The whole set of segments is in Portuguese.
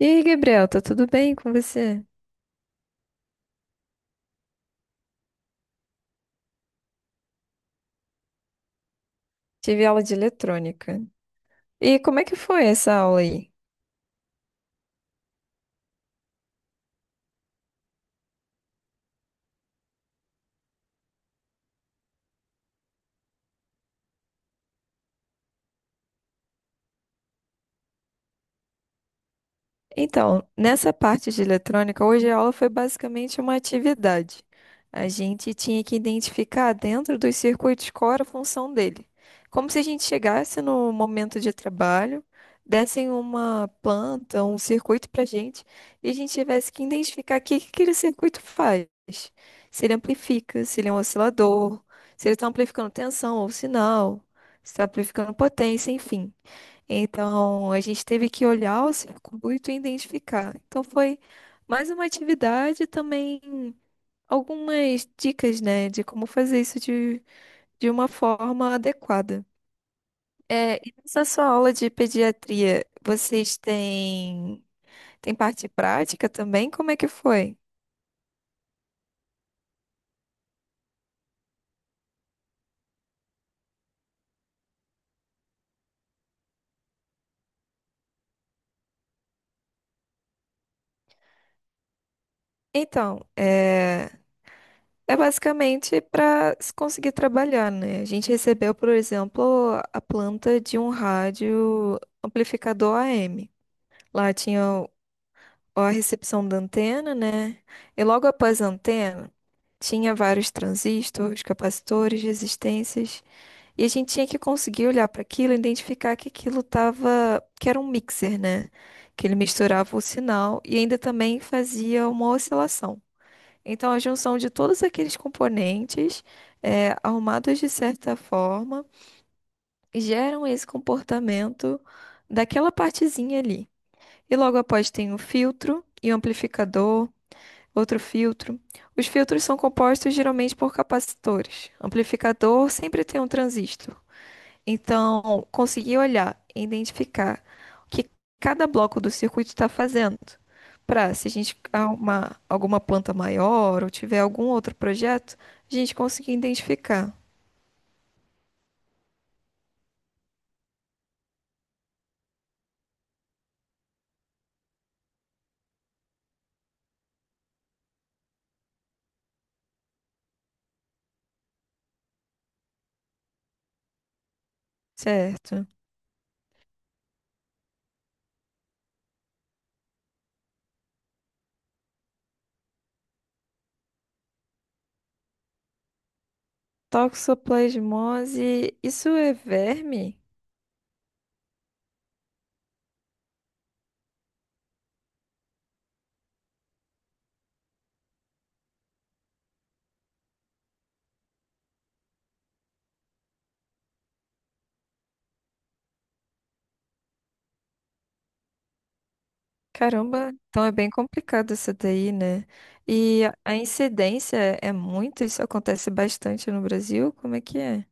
E aí, Gabriel, tá tudo bem com você? Tive aula de eletrônica. E como é que foi essa aula aí? Então, nessa parte de eletrônica, hoje a aula foi basicamente uma atividade. A gente tinha que identificar dentro dos circuitos qual era a função dele. Como se a gente chegasse no momento de trabalho, dessem uma planta, um circuito para a gente, e a gente tivesse que identificar o que que aquele circuito faz. Se ele amplifica, se ele é um oscilador, se ele está amplificando tensão ou sinal, se está amplificando potência, enfim. Então, a gente teve que olhar o circuito e identificar. Então, foi mais uma atividade, também algumas dicas, né, de como fazer isso de uma forma adequada. É, e nessa sua aula de pediatria, têm parte prática também? Como é que foi? Então, é basicamente para se conseguir trabalhar, né? A gente recebeu, por exemplo, a planta de um rádio amplificador AM. Lá tinha a recepção da antena, né? E logo após a antena, tinha vários transistores, capacitores, resistências. E a gente tinha que conseguir olhar para aquilo e identificar que aquilo tava, que era um mixer, né? Que ele misturava o sinal e ainda também fazia uma oscilação. Então, a junção de todos aqueles componentes, arrumados de certa forma, geram esse comportamento daquela partezinha ali. E logo após tem o filtro e o amplificador, outro filtro. Os filtros são compostos geralmente por capacitores. Amplificador sempre tem um transistor. Então, conseguir olhar e identificar o que cada bloco do circuito está fazendo. Para, se a gente arrumar alguma planta maior ou tiver algum outro projeto, a gente conseguir identificar. Certo. Toxoplasmose, isso é verme? Caramba, então é bem complicado isso daí, né? E a incidência é muito? Isso acontece bastante no Brasil? Como é que é?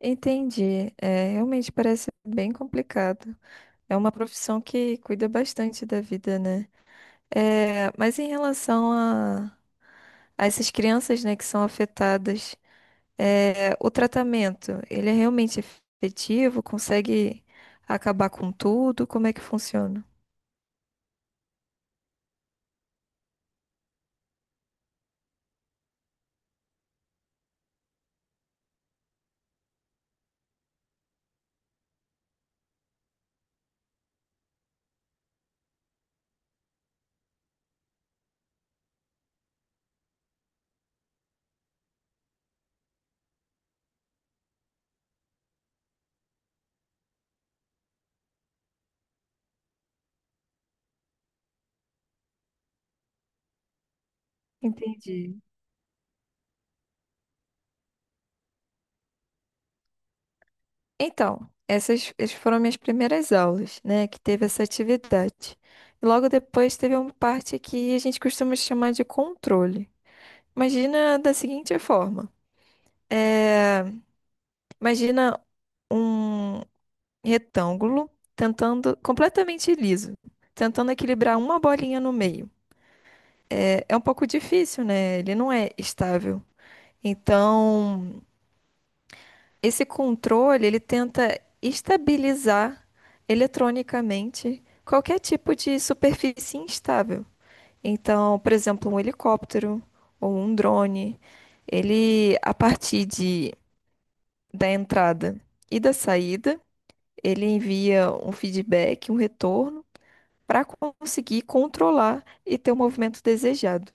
Entendi. É, realmente parece bem complicado. É uma profissão que cuida bastante da vida, né? É, mas em relação a essas crianças, né, que são afetadas, é, o tratamento, ele é realmente efetivo? Consegue acabar com tudo? Como é que funciona? Entendi. Então, essas foram minhas primeiras aulas, né? Que teve essa atividade. E logo depois teve uma parte que a gente costuma chamar de controle. Imagina da seguinte forma: é, imagina um retângulo tentando completamente liso, tentando equilibrar uma bolinha no meio. É, é um pouco difícil, né? Ele não é estável. Então, esse controle, ele tenta estabilizar eletronicamente qualquer tipo de superfície instável. Então, por exemplo, um helicóptero ou um drone, ele, a partir da entrada e da saída, ele envia um feedback, um retorno, para conseguir controlar e ter o movimento desejado.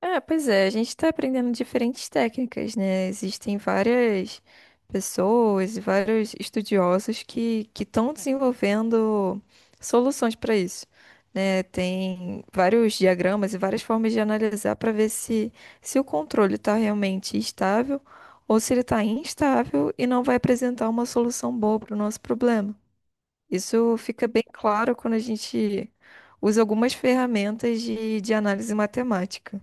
Ah, pois é, a gente está aprendendo diferentes técnicas, né? Existem várias pessoas e vários estudiosos que estão desenvolvendo soluções para isso, né? Tem vários diagramas e várias formas de analisar para ver se o controle está realmente estável ou se ele está instável e não vai apresentar uma solução boa para o nosso problema. Isso fica bem claro quando a gente usa algumas ferramentas de análise matemática.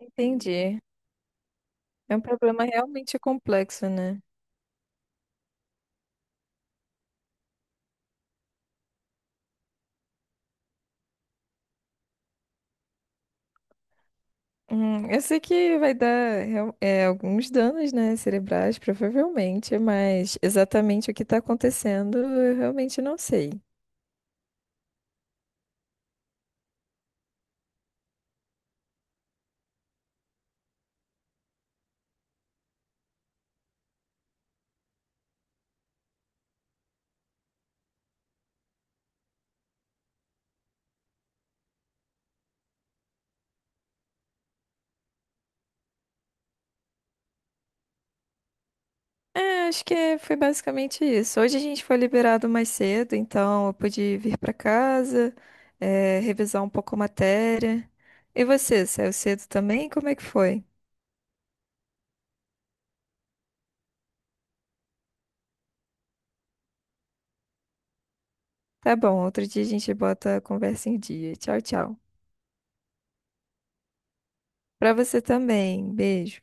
Entendi. É um problema realmente complexo, né? Eu sei que vai dar é, alguns danos, né, cerebrais, provavelmente, mas exatamente o que está acontecendo eu realmente não sei. É, acho que foi basicamente isso. Hoje a gente foi liberado mais cedo, então eu pude vir para casa, é, revisar um pouco a matéria. E você, saiu cedo também? Como é que foi? Tá bom, outro dia a gente bota a conversa em dia. Tchau, tchau. Para você também. Beijo.